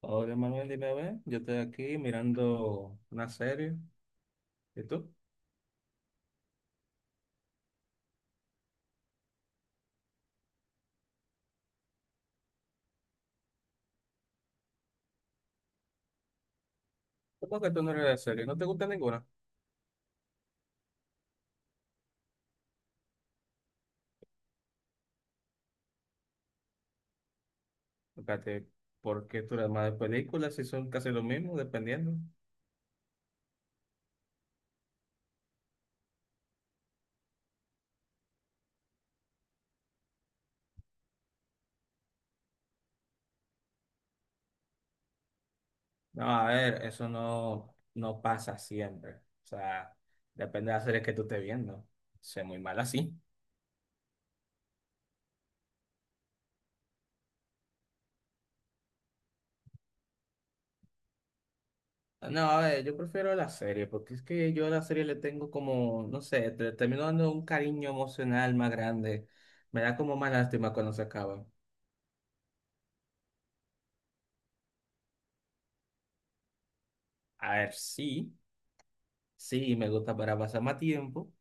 Hola Manuel, dime a ver, yo estoy aquí mirando una serie. ¿Y tú? ¿Cómo que tú no eres de serie? ¿No te gusta ninguna? Espérate, ¿por qué tú eres más de películas si son casi lo mismo, dependiendo? No, a ver, eso no pasa siempre. O sea, depende de la serie que tú estés viendo. Sé muy mal así. No, a ver, yo prefiero la serie, porque es que yo a la serie le tengo como, no sé, termino dando un cariño emocional más grande. Me da como más lástima cuando se acaba. A ver, sí. Sí, me gusta para pasar más tiempo,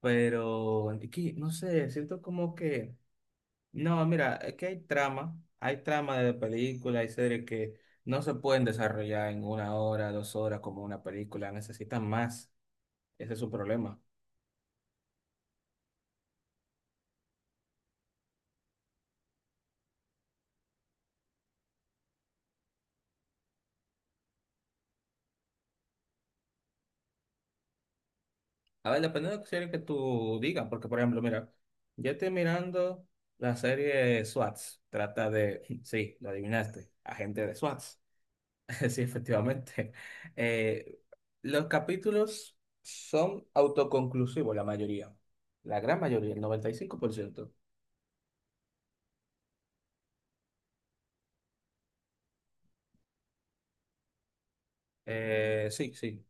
pero es que, no sé, siento como que, no, mira, es que hay trama de películas hay series que no se pueden desarrollar en una hora, dos horas como una película, necesitan más, ese es su problema. A ver, depende de la serie que tú digas, porque por ejemplo, mira, yo estoy mirando la serie SWATs, trata de, sí, lo adivinaste, agente de SWAT. Sí, efectivamente. Eh, los capítulos son autoconclusivos, la mayoría. La gran mayoría, el 95%. Sí, sí.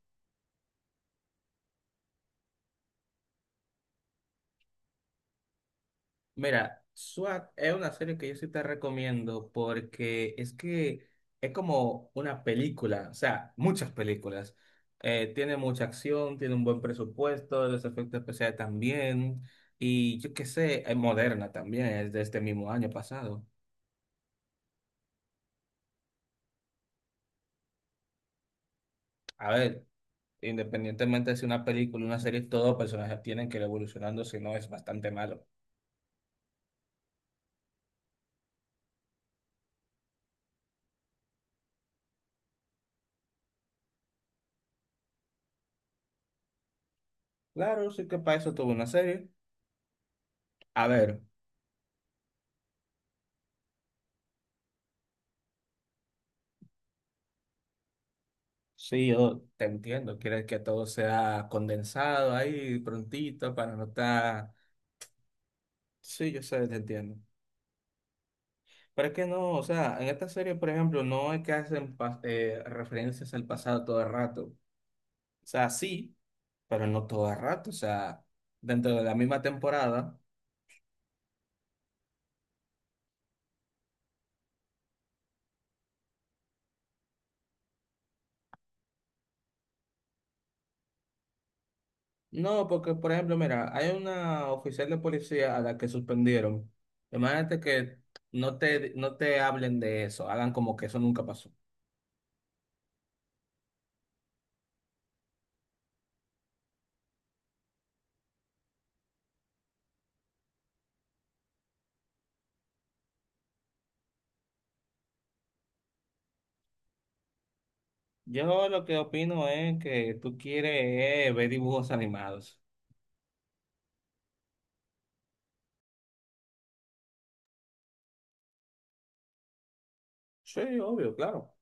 Mira, SWAT es una serie que yo sí te recomiendo porque es que es como una película, o sea, muchas películas. Tiene mucha acción, tiene un buen presupuesto, los efectos especiales también. Y yo qué sé, es moderna también, es de este mismo año pasado. A ver. Independientemente de si una película, una serie, todos personajes tienen que ir evolucionando, si no es bastante malo. Claro, sí que para eso tuvo una serie. A ver, sí, yo te entiendo, quieres que todo sea condensado ahí prontito para no estar... Sí, yo sé, te entiendo. Pero es que no, o sea, en esta serie, por ejemplo, no es que hacen referencias al pasado todo el rato. O sea, sí, pero no todo el rato. O sea, dentro de la misma temporada. No, porque por ejemplo, mira, hay una oficial de policía a la que suspendieron. Imagínate que no te hablen de eso, hagan como que eso nunca pasó. Yo lo que opino es que tú quieres ver dibujos animados. Sí, obvio, claro.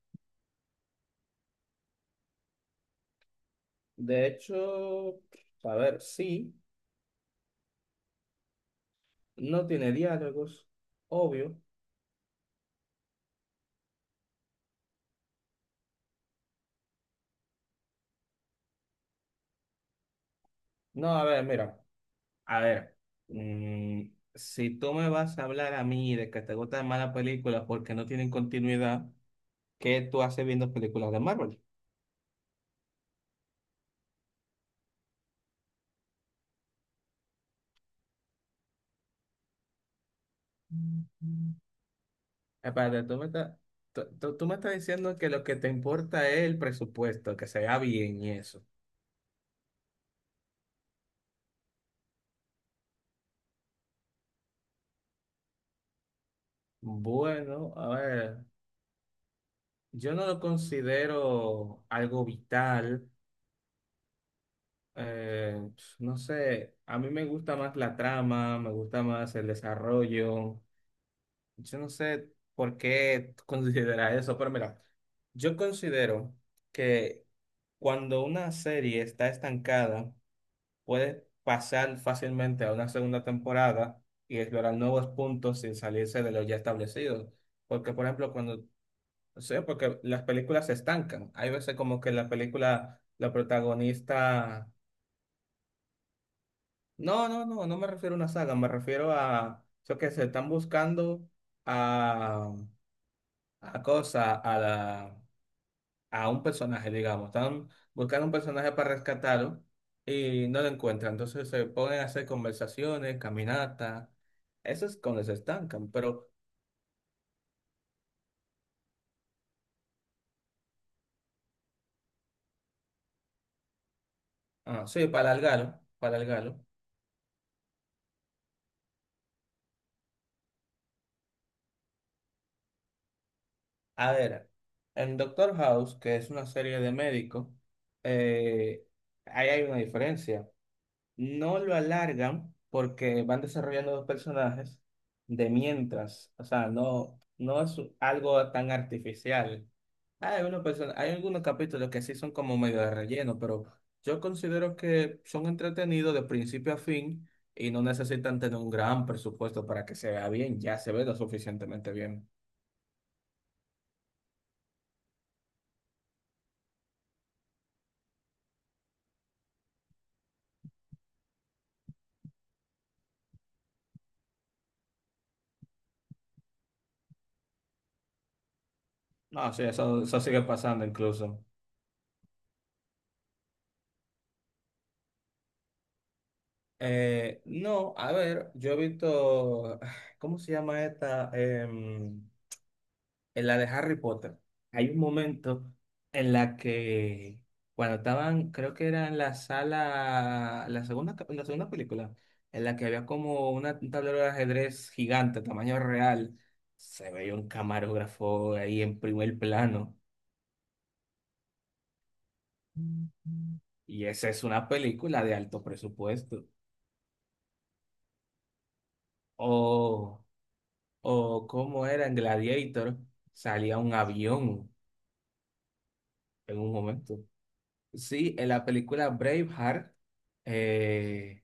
De hecho, a ver, sí, no tiene diálogos, obvio. No, a ver, mira, a ver, mm, si tú me vas a hablar a mí de que te gustan malas películas porque no tienen continuidad. ¿Qué tú haces viendo películas de Marvel? Espérate, tú me estás, tú me estás diciendo que lo que te importa es el presupuesto, que se vea bien y eso. Bueno, a ver, yo no lo considero algo vital. eh, no sé, a mí me gusta más la trama, me gusta más el desarrollo. Yo no sé por qué tú consideras eso, pero mira, yo considero que cuando una serie está estancada, puede pasar fácilmente a una segunda temporada y explorar nuevos puntos sin salirse de lo ya establecido. Porque, por ejemplo, cuando, o sea, porque las películas se estancan. Hay veces como que la película, la protagonista, no, no, no, no me refiero a una saga, me refiero a, yo que se están buscando a, a cosa, a la a un personaje, digamos. Están buscando un personaje para rescatarlo y no lo encuentran. Entonces se ponen a hacer conversaciones, caminatas. Eso es cuando se estancan. Pero, ah, sí, para alargarlo, para alargarlo. A ver, en Doctor House, que es una serie de médicos, eh, ahí hay una diferencia. No lo alargan porque van desarrollando dos personajes de mientras. O sea, no, no es algo tan artificial. Hay, algunos hay algunos capítulos que sí son como medio de relleno, pero yo considero que son entretenidos de principio a fin y no necesitan tener un gran presupuesto para que se vea bien, ya se ve lo suficientemente bien. No, sí, eso sigue pasando incluso. No, a ver, yo he visto, ¿cómo se llama esta? En la de Harry Potter, hay un momento en la que cuando estaban, creo que era en la sala, la segunda, la segunda película, en la que había como una, un tablero de ajedrez gigante, tamaño real, se veía un camarógrafo ahí en primer plano. Ujú. Y esa es una película de alto presupuesto. O, o como era en Gladiator, salía un avión en un momento. Sí, en la película Braveheart eh,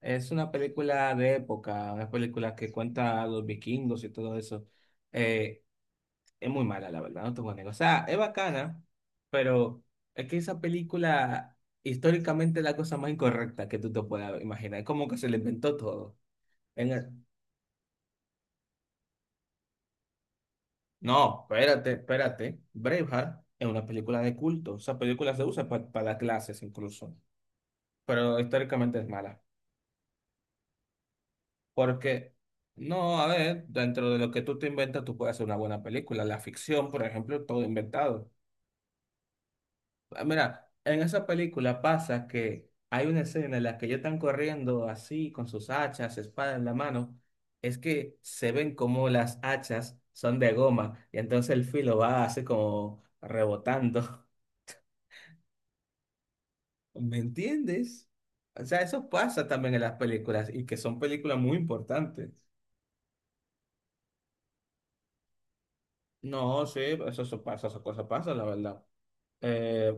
es una película de época, una película que cuenta a los vikingos y todo eso. Eh, es muy mala, la verdad, no te voy a negar. O sea, es bacana, pero es que esa película históricamente es la cosa más incorrecta que tú te puedas imaginar. Es como que se le inventó todo. En el- No, espérate, espérate. Braveheart es una película de culto. Esa película se usa para las clases incluso, pero históricamente es mala. Porque, no, a ver, dentro de lo que tú te inventas, tú puedes hacer una buena película. La ficción, por ejemplo, todo inventado. Ah, mira, en esa película pasa que hay una escena en la que ellos están corriendo así, con sus hachas, espada en la mano. Es que se ven como las hachas son de goma y entonces el filo va así como rebotando. ¿Me entiendes? O sea, eso pasa también en las películas y que son películas muy importantes. No, sí, eso pasa, esas cosas pasan, la verdad. Eh,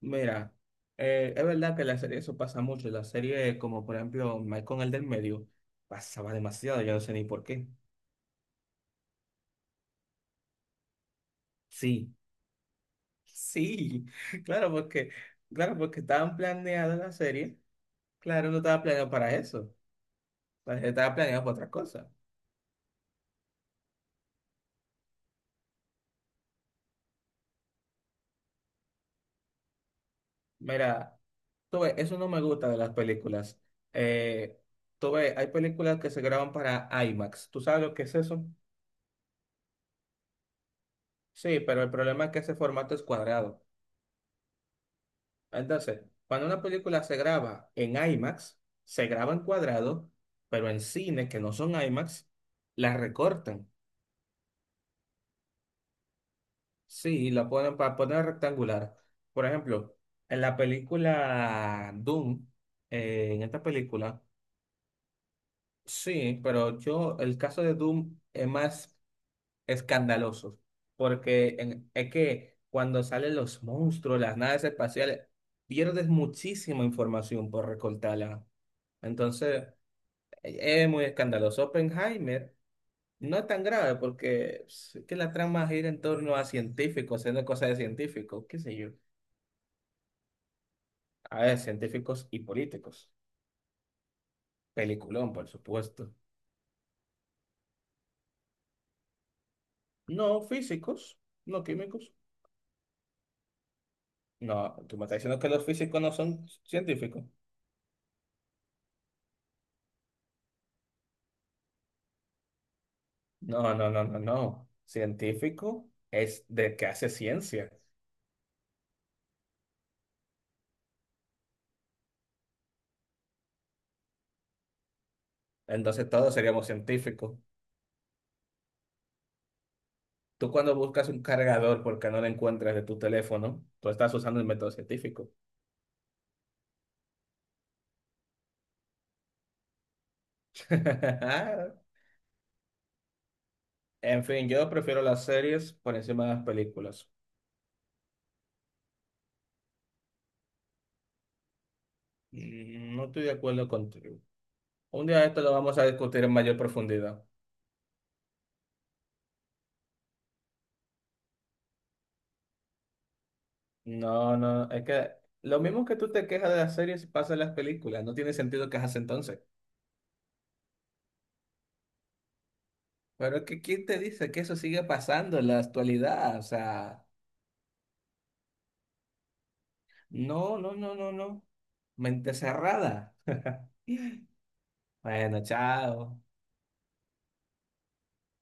Mira, es verdad que en la serie eso pasa mucho. En la serie, como por ejemplo, Mike con el del medio, pasaba demasiado, yo no sé ni por qué. Sí, sí, claro, porque, claro, porque estaban planeadas la serie. Claro, no estaba planeado para eso. La serie estaba planeado para otra cosa. Mira, tú ves, eso no me gusta de las películas. Eh, Tú ves, hay películas que se graban para IMAX. ¿Tú sabes lo que es eso? Sí, pero el problema es que ese formato es cuadrado. Entonces, cuando una película se graba en IMAX, se graba en cuadrado, pero en cines que no son IMAX, la recortan. Sí, y la ponen para poner rectangular. Por ejemplo, en la película Doom, en esta película, sí, pero yo, el caso de Doom es más escandaloso, es que cuando salen los monstruos, las naves espaciales, pierdes muchísima información por recortarla. Entonces... Es muy escandaloso. Oppenheimer no es tan grave porque pues, es que la trama gira en torno a científicos, haciendo cosas de científicos, qué sé yo. A ver, científicos y políticos. Peliculón, por supuesto. No físicos, no químicos. No, tú me estás diciendo que los físicos no son científicos. No, no, no, no, no. Científico es de que hace ciencia. Entonces todos seríamos científicos. Tú cuando buscas un cargador porque no lo encuentras de tu teléfono, tú estás usando el método científico. En fin, yo prefiero las series por encima de las películas. Mm, no estoy de acuerdo contigo. Un día esto lo vamos a discutir en mayor profundidad. No, no, es que lo mismo que tú te quejas de las series pasa en las películas. No tiene sentido quejarse entonces. Pero es que ¿quién te dice que eso sigue pasando en la actualidad? O sea, no, no, no, no, no. Mente cerrada. Bueno, chao.